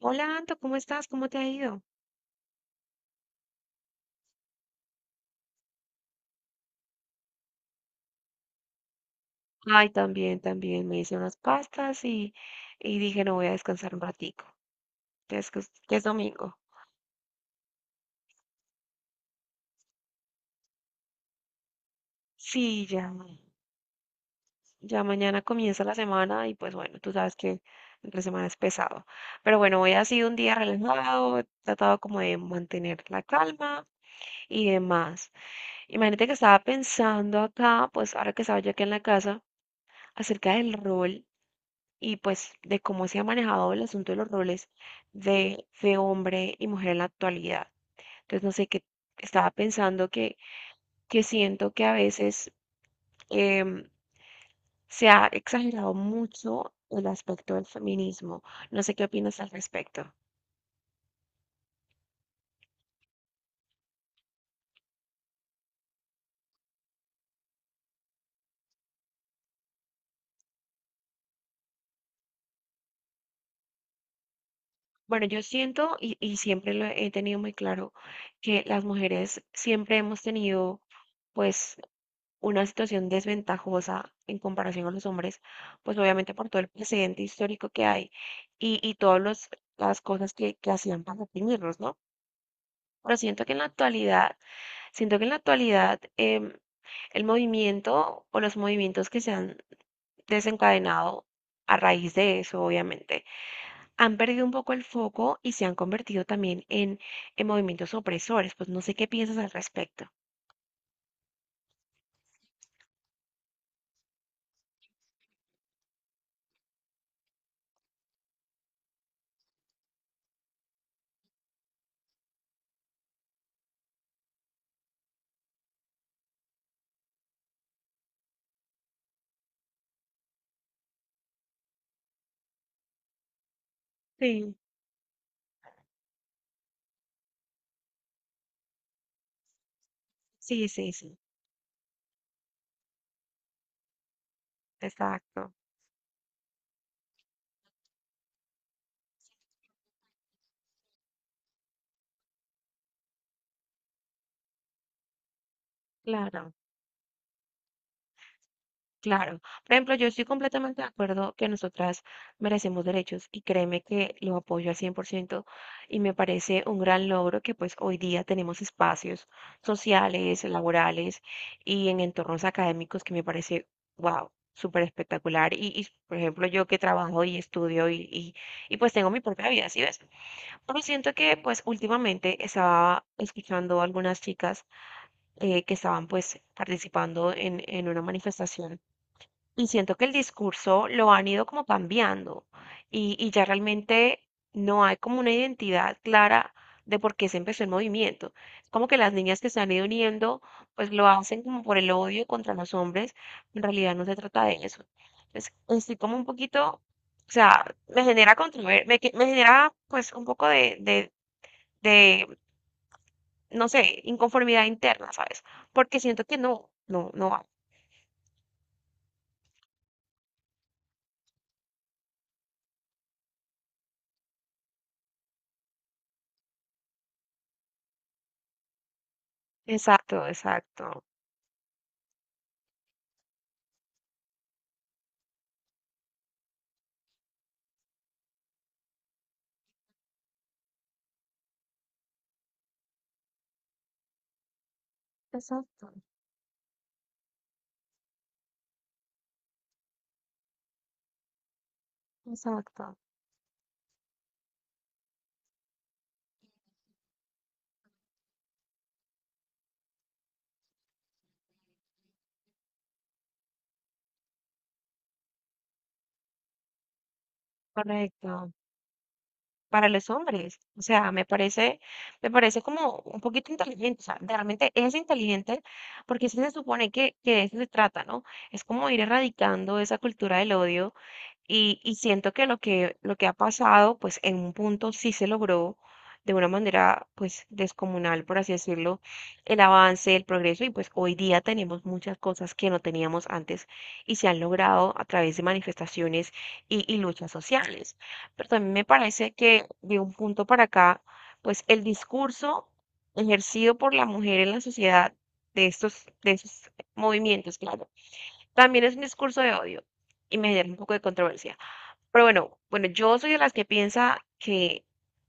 Hola, Anto, ¿cómo estás? ¿Cómo te ha ido? Ay, también, también. Me hice unas pastas y dije, no voy a descansar un ratico, que es domingo. Sí, ya, ya mañana comienza la semana y pues bueno, tú sabes que la semana es pesado. Pero bueno, hoy ha sido un día relajado, he tratado como de mantener la calma y demás. Imagínate que estaba pensando acá, pues ahora que estaba yo aquí en la casa, acerca del rol. Y pues de cómo se ha manejado el asunto de los roles de hombre y mujer en la actualidad. Entonces, no sé, qué estaba pensando que siento que a veces em, se ha exagerado mucho el aspecto del feminismo. No sé qué opinas al respecto. Bueno, yo siento y siempre lo he tenido muy claro que las mujeres siempre hemos tenido pues una situación desventajosa en comparación con los hombres, pues obviamente por todo el precedente histórico que hay y todas las cosas que hacían para oprimirlos, ¿no? Pero siento que en la actualidad, siento que en la actualidad em, el movimiento o los movimientos que se han desencadenado a raíz de eso, obviamente, han perdido un poco el foco y se han convertido también en movimientos opresores. Pues no sé qué piensas al respecto. Sí, sí, sí, sí, exacto, claro. Claro. Por ejemplo, yo estoy completamente de acuerdo que nosotras merecemos derechos y créeme que lo apoyo al 100% y me parece un gran logro que pues hoy día tenemos espacios sociales, laborales y en entornos académicos que me parece, wow, súper espectacular. Y, por ejemplo, yo que trabajo y estudio y, pues tengo mi propia vida, ¿sí ves? Pero siento que pues últimamente estaba escuchando algunas chicas que estaban pues participando en una manifestación y siento que el discurso lo han ido como cambiando y ya realmente no hay como una identidad clara de por qué se empezó el movimiento. Es como que las niñas que se han ido uniendo, pues lo hacen como por el odio contra los hombres. En realidad no se trata de eso. Entonces, estoy como un poquito, o sea, me genera me genera pues un poco de no sé, inconformidad interna, ¿sabes? Porque siento que no, no va. Exacto, exacto. Exacto. Exacto, correcto. Para los hombres, o sea, me parece como un poquito inteligente, o sea, realmente es inteligente porque sí se supone que de eso se trata, ¿no? Es como ir erradicando esa cultura del odio. Y siento que lo que, lo que ha pasado, pues en un punto sí se logró de una manera, pues descomunal, por así decirlo, el avance, el progreso, y pues hoy día tenemos muchas cosas que no teníamos antes y se han logrado a través de manifestaciones y luchas sociales. Pero también me parece que de un punto para acá, pues el discurso ejercido por la mujer en la sociedad de estos, de esos movimientos, claro, también es un discurso de odio y me genera un poco de controversia. Pero bueno, bueno, yo soy de las que piensa que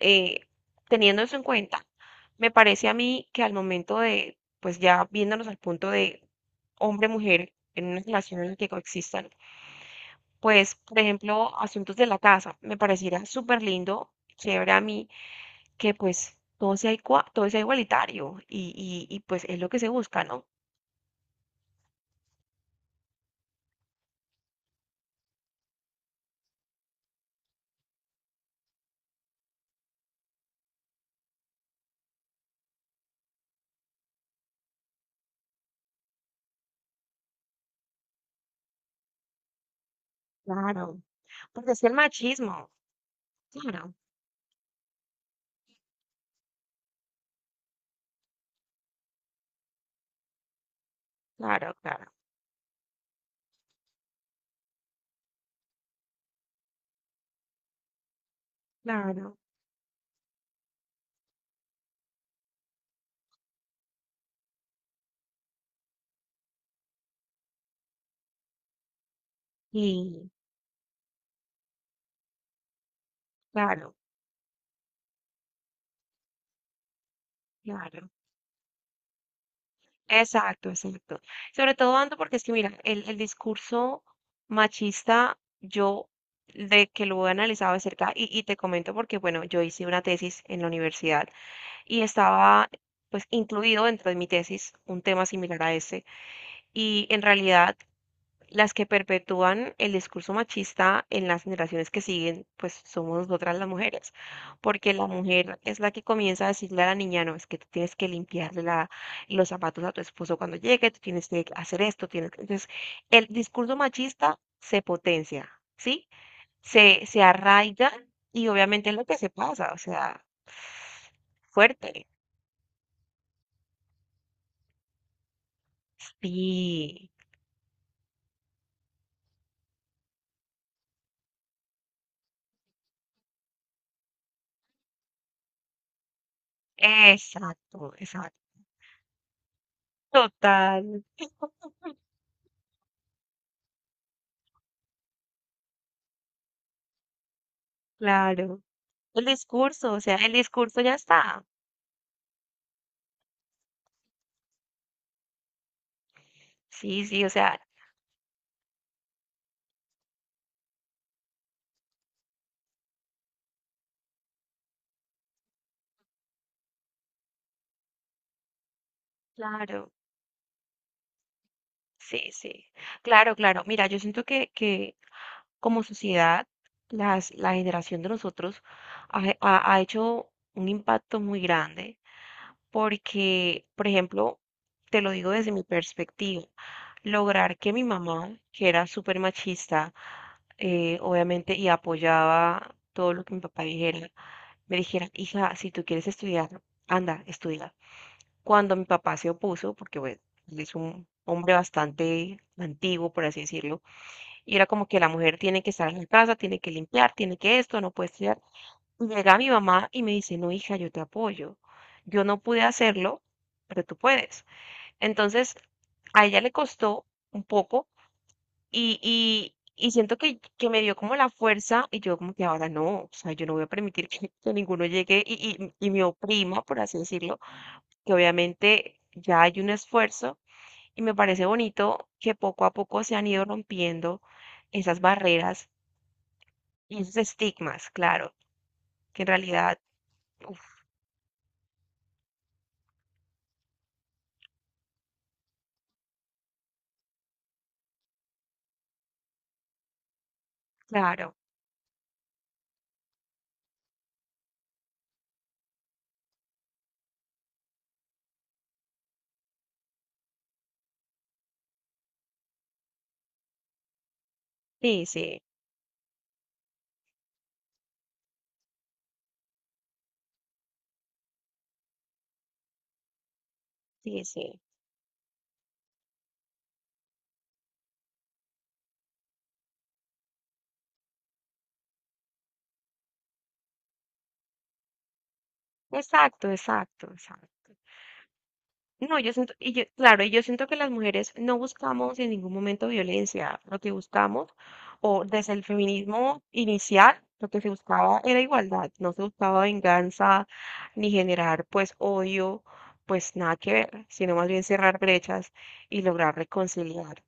eh, teniendo eso en cuenta, me parece a mí que al momento de, pues ya viéndonos al punto de hombre-mujer en una relación en la que coexistan, pues por ejemplo, asuntos de la casa, me pareciera súper lindo, chévere a mí, que pues todo sea, todo sea igualitario y pues es lo que se busca, ¿no? Claro, porque es el machismo, claro, claro, claro, claro, y claro, claro. Exacto, exacto. Sobre todo, Ando, porque es que, mira, el discurso machista, yo de que lo he analizado de cerca y te comento porque, bueno, yo hice una tesis en la universidad y estaba, pues, incluido dentro de mi tesis un tema similar a ese. Y en realidad, las que perpetúan el discurso machista en las generaciones que siguen, pues somos nosotras las mujeres, porque la mujer es la que comienza a decirle a la niña, no, es que tú tienes que limpiarle los zapatos a tu esposo cuando llegue, tú tienes que hacer esto, tienes que... Entonces, el discurso machista se potencia, ¿sí? Se arraiga y obviamente es lo que se pasa, o sea, fuerte. Sí, exacto, exacto. Total, claro. El discurso, o sea, el discurso ya está. Sí, sí, o sea, claro, sí, sí. Claro, claro. Mira, yo siento que como sociedad, la generación de nosotros ha hecho un impacto muy grande porque, por ejemplo, te lo digo desde mi perspectiva, lograr que mi mamá, que era súper machista, obviamente, y apoyaba todo lo que mi papá dijera, me dijera, hija, si tú quieres estudiar, anda, estudia. Cuando mi papá se opuso, porque bueno, él es un hombre bastante antiguo, por así decirlo, y era como que la mujer tiene que estar en la casa, tiene que limpiar, tiene que esto, no puede estudiar. Y llega mi mamá y me dice, no, hija, yo te apoyo. Yo no pude hacerlo, pero tú puedes. Entonces, a ella le costó un poco y siento que me dio como la fuerza y yo como que ahora no, o sea, yo no voy a permitir que ninguno llegue y me oprima, por así decirlo, que obviamente ya hay un esfuerzo y me parece bonito que poco a poco se han ido rompiendo esas barreras y esos estigmas, claro, que en realidad, uf, claro, sí, sí, sí, sí. Exacto, exacto, exacto. No, yo siento, y yo- claro, y yo siento que las mujeres no buscamos en ningún momento violencia. Lo que buscamos, o desde el feminismo inicial, lo que se buscaba era igualdad, no se buscaba venganza ni generar pues odio, pues nada que ver, sino más bien cerrar brechas y lograr reconciliar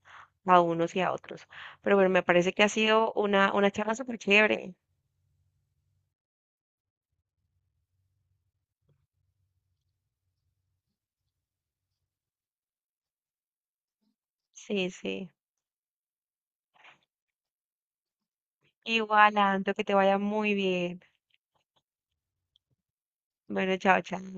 a unos y a otros. Pero bueno, me parece que ha sido una charla súper chévere. Sí, sí. Igual, Anto, que te vaya muy bien. Bueno, chao, chao.